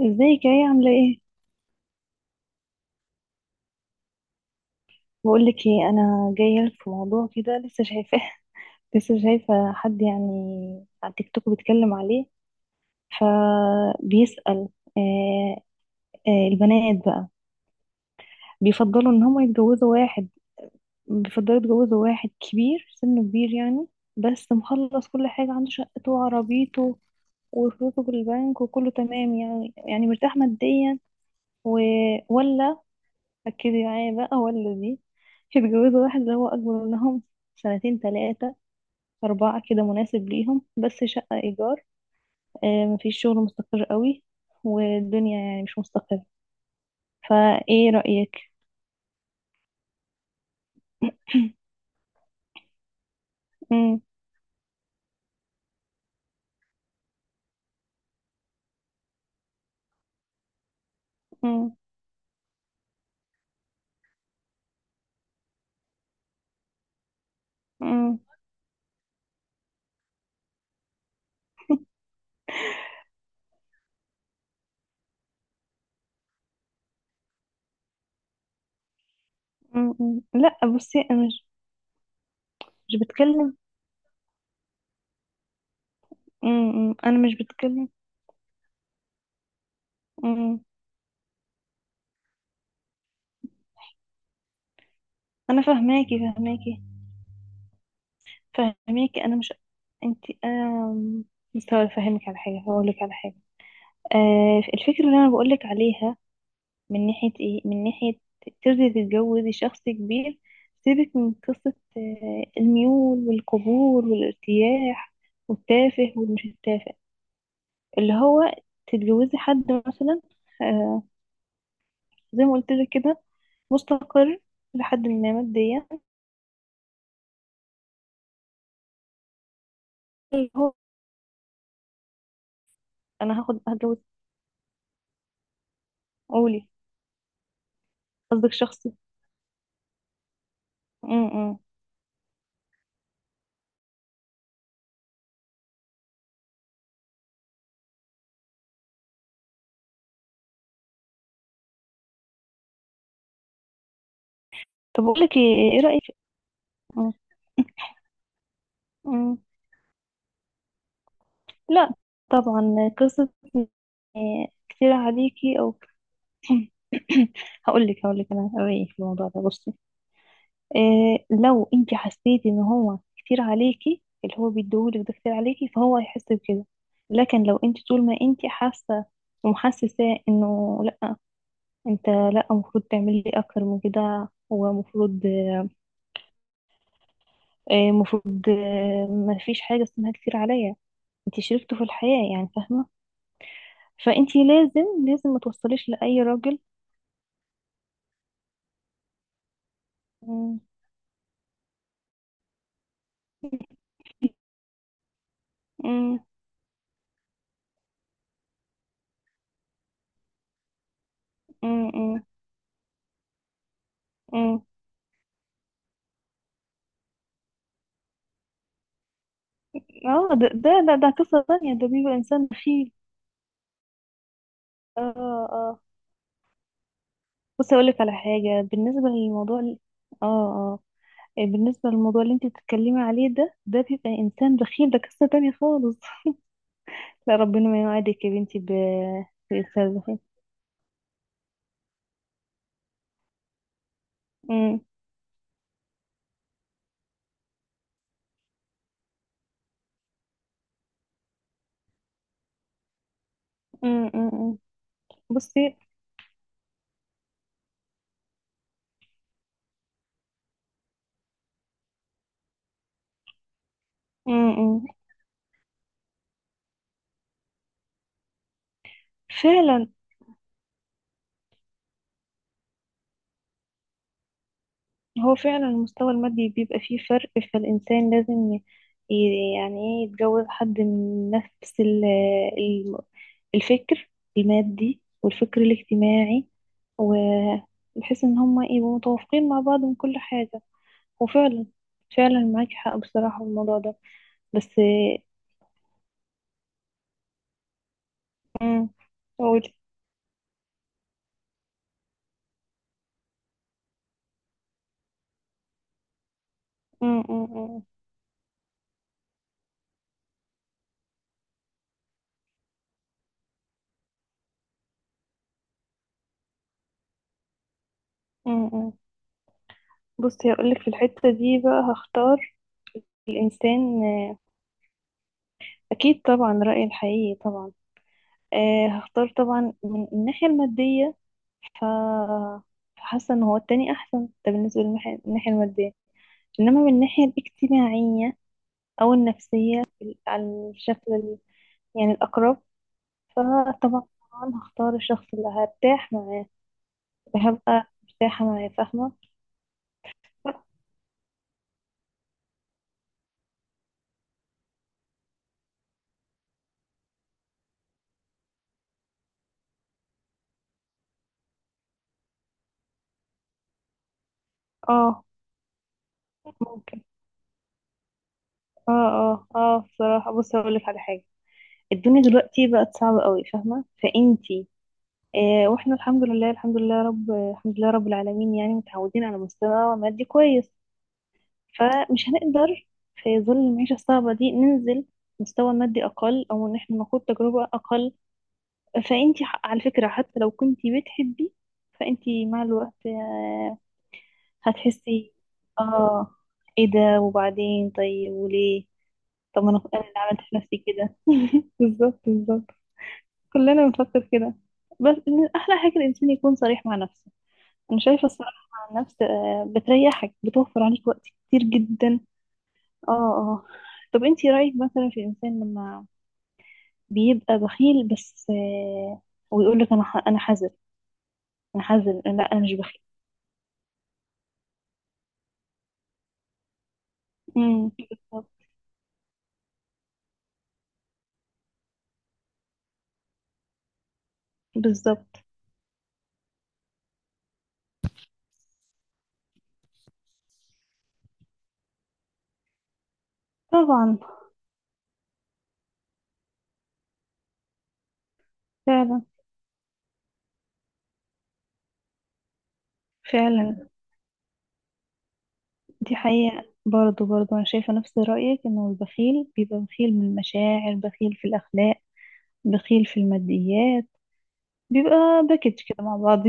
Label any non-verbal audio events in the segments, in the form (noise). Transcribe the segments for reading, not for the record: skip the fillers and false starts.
ازيك؟ يا ايه، عامله ايه؟ بقول لك ايه، انا جايه لك في موضوع كده لسه شايفاه. (laughs) لسه شايفه حد يعني، على تيك توك بيتكلم عليه، فبيسأل. آه البنات بقى بيفضلوا ان هم يتجوزوا واحد، بيفضلوا يتجوزوا واحد كبير سنه، كبير يعني، بس مخلص كل حاجه، عنده شقته وعربيته وفلوسه في البنك وكله تمام يعني مرتاح ماديا، و... ولا، ركزي معايا بقى، هو الذي يتجوزوا واحد اللي هو أكبر منهم سنتين، تلاتة، أربعة، كده مناسب ليهم، بس شقة إيجار، مفيش شغل مستقر قوي، والدنيا يعني مش مستقرة. فإيه رأيك؟ (laughs) مم، مم، مم، مم، مم. لأ، بصي أنا مش، مش بتكلم. مم، مم. أنا مش بتكلم. مم. أنا فهماكي، فهماكي، فهماكي. أنا مش، أنتي أنا مستوى أفهمك على حاجة، هقولك على حاجة. الفكرة اللي أنا بقولك عليها من ناحية ايه، من ناحية ترضي تتجوزي شخص كبير، سيبك من قصة الميول والقبول والارتياح، والتافه والمش التافه، اللي هو تتجوزي حد مثلا، آه، زي ما قلت لك كده، مستقر لحد ما ماديا، اللي هو انا هاخد، هتجوز، قولي، قصدك شخصي. م -م. طب اقول لك ايه، إيه رأيك؟ م -م. لا طبعا، قصة كتير عليكي، او (coughs) هقول لك، هقول لك انا رايي في الموضوع ده، بصي. إيه لو انت حسيتي ان هو كتير عليكي، اللي هو بيديهولك ده كتير عليكي، فهو هيحس بكده. لكن لو انت طول ما انت حاسه ومحسسه انه لا، انت لا، المفروض تعملي اكتر من كده، ومفروض إيه، المفروض ما فيش حاجه اسمها كتير عليا، انت شريكته في الحياه يعني، فاهمه؟ فانت لازم، لازم ما توصليش لاي راجل. مم، مم، مم، مم، مم. اه، ده قصة تانية، ده بيبقى إنسان بخيل. اه اه، بصي أقول لك على حاجة، بالنسبة للموضوع اه اه، إيه، بالنسبة للموضوع اللي انت بتتكلمي عليه ده، ده بيبقى إنسان بخيل، ده قصة تانية خالص. لا، ربنا ما يوعدك يا بنتي بإنسان بخيل. أمم، أمم، أمم، أمم. بصي، أمم، أمم. فعلا، هو فعلا المستوى المادي بيبقى فيه فرق، فالإنسان لازم يعني ايه، يتجوز حد من نفس ال- الفكر المادي والفكر الاجتماعي، وبحيث ان هما يبقوا متوافقين مع بعض من كل حاجة. وفعلا، فعلا معاكي حق بصراحة في الموضوع ده، بس. امم، قولي. امم، امم، امم، بصي هقولك في الحتة دي بقى هختار الإنسان أكيد طبعا، رأيي الحقيقي طبعا، آه هختار طبعا من الناحية المادية. ف فحاسة ان هو التاني احسن، ده بالنسبة للناحية، المادية انما من الناحية الاجتماعية او النفسية على الشكل يعني الاقرب، فطبعا هختار الشخص اللي هرتاح معاه، هبقى مرتاحة معاه، فاهمة؟ اه ممكن. اه بصراحة، بص هقولك على حاجة. الدنيا دلوقتي بقت صعبة قوي، فاهمة؟ فانتي واحنا الحمد لله، الحمد لله يا رب، الحمد لله رب العالمين، يعني متعودين على مستوى مادي كويس، فمش هنقدر في ظل المعيشة الصعبة دي ننزل مستوى مادي أقل، أو إن احنا نخوض تجربة أقل. فأنتي على فكرة حتى لو كنتي بتحبي، فأنتي مع الوقت هتحسي، آه، إيه ده، وبعدين طيب وليه؟ طب ما أنا، أنا اللي عملت في نفسي كده (laughs) بالظبط، بالظبط. كلنا بنفكر كده، بس إن أحلى حاجة الإنسان يكون صريح مع نفسه. انا شايفه الصراحه عن نفس بتريحك، بتوفر عليك وقت كتير جدا. اه اه. طب انتي رايك مثلا في الانسان لما بيبقى بخيل، بس ويقول لك انا انا حذر، انا حذر، لا انا مش بخيل. امم، بالظبط، بالظبط. طبعا. فعلا، فعلا، دي حقيقه برضه، برضه انا شايفه نفس رايك، انه البخيل بيبقى بخيل من المشاعر، بخيل في الاخلاق، بخيل في الماديات، بيبقى باكج كده مع بعض. (laughs)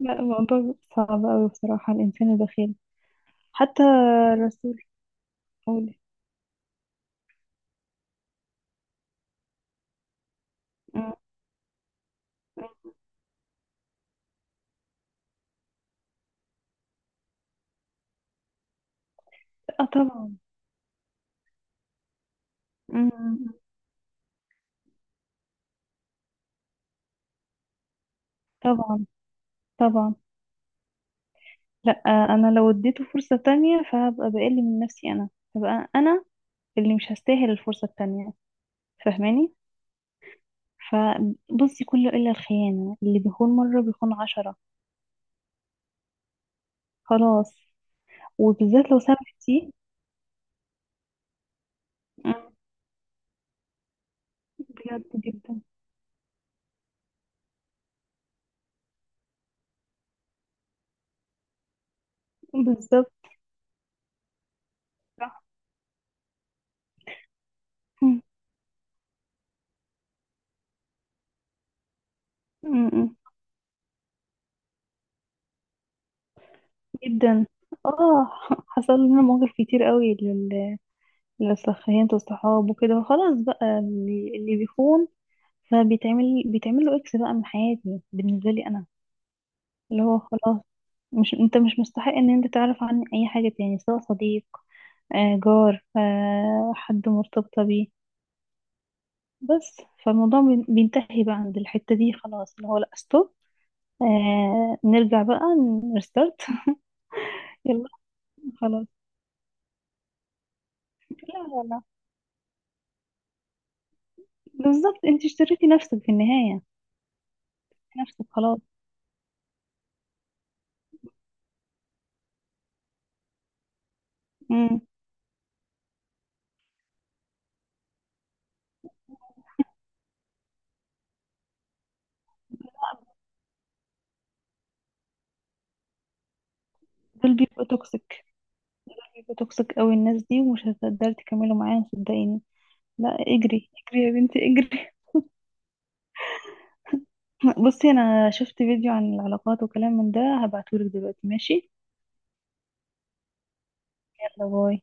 لا، الموضوع صعب أوي بصراحة، الإنسان البخيل حتى رسول، قوله. مم. اه طبعا. مم. طبعا، طبعا، لا انا لو اديته فرصة تانية فهبقى بقل من نفسي انا، هبقى انا اللي مش هستاهل الفرصة التانية، فاهماني؟ فبصي، كله الا الخيانة، اللي بيخون مرة بيخون عشرة، خلاص. وبالذات لو سامحتي. مم. بجد جدا. بالظبط. صح. مم. مم. جدا. اه (laughs) حصل لنا مواقف كتير قوي، لو سخينت الصحاب وكده خلاص بقى، اللي بيخون فبيتعمل، له اكس بقى من حياتي بالنسبه لي انا، اللي هو خلاص، مش انت مش مستحق ان انت تعرف عني اي حاجه تاني، سواء صديق جار حد مرتبطه بيه، بس. فالموضوع بينتهي بقى عند الحته دي خلاص، اللي هو لا ستوب، آه نرجع بقى، نرستارت. (laughs) يلا خلاص. لا لا لا. بالظبط، انت اشتريتي نفسك في النهايه، نفسك خلاص. مم. دول بيبقوا توكسيك، هيبقوا توكسيك قوي الناس دي، ومش هتقدري تكملوا معاهم، صدقيني. لا، اجري اجري يا بنتي، اجري. (laughs) بصي انا شفت فيديو عن العلاقات وكلام من ده، هبعتهولك دلوقتي، ماشي؟ يلا باي.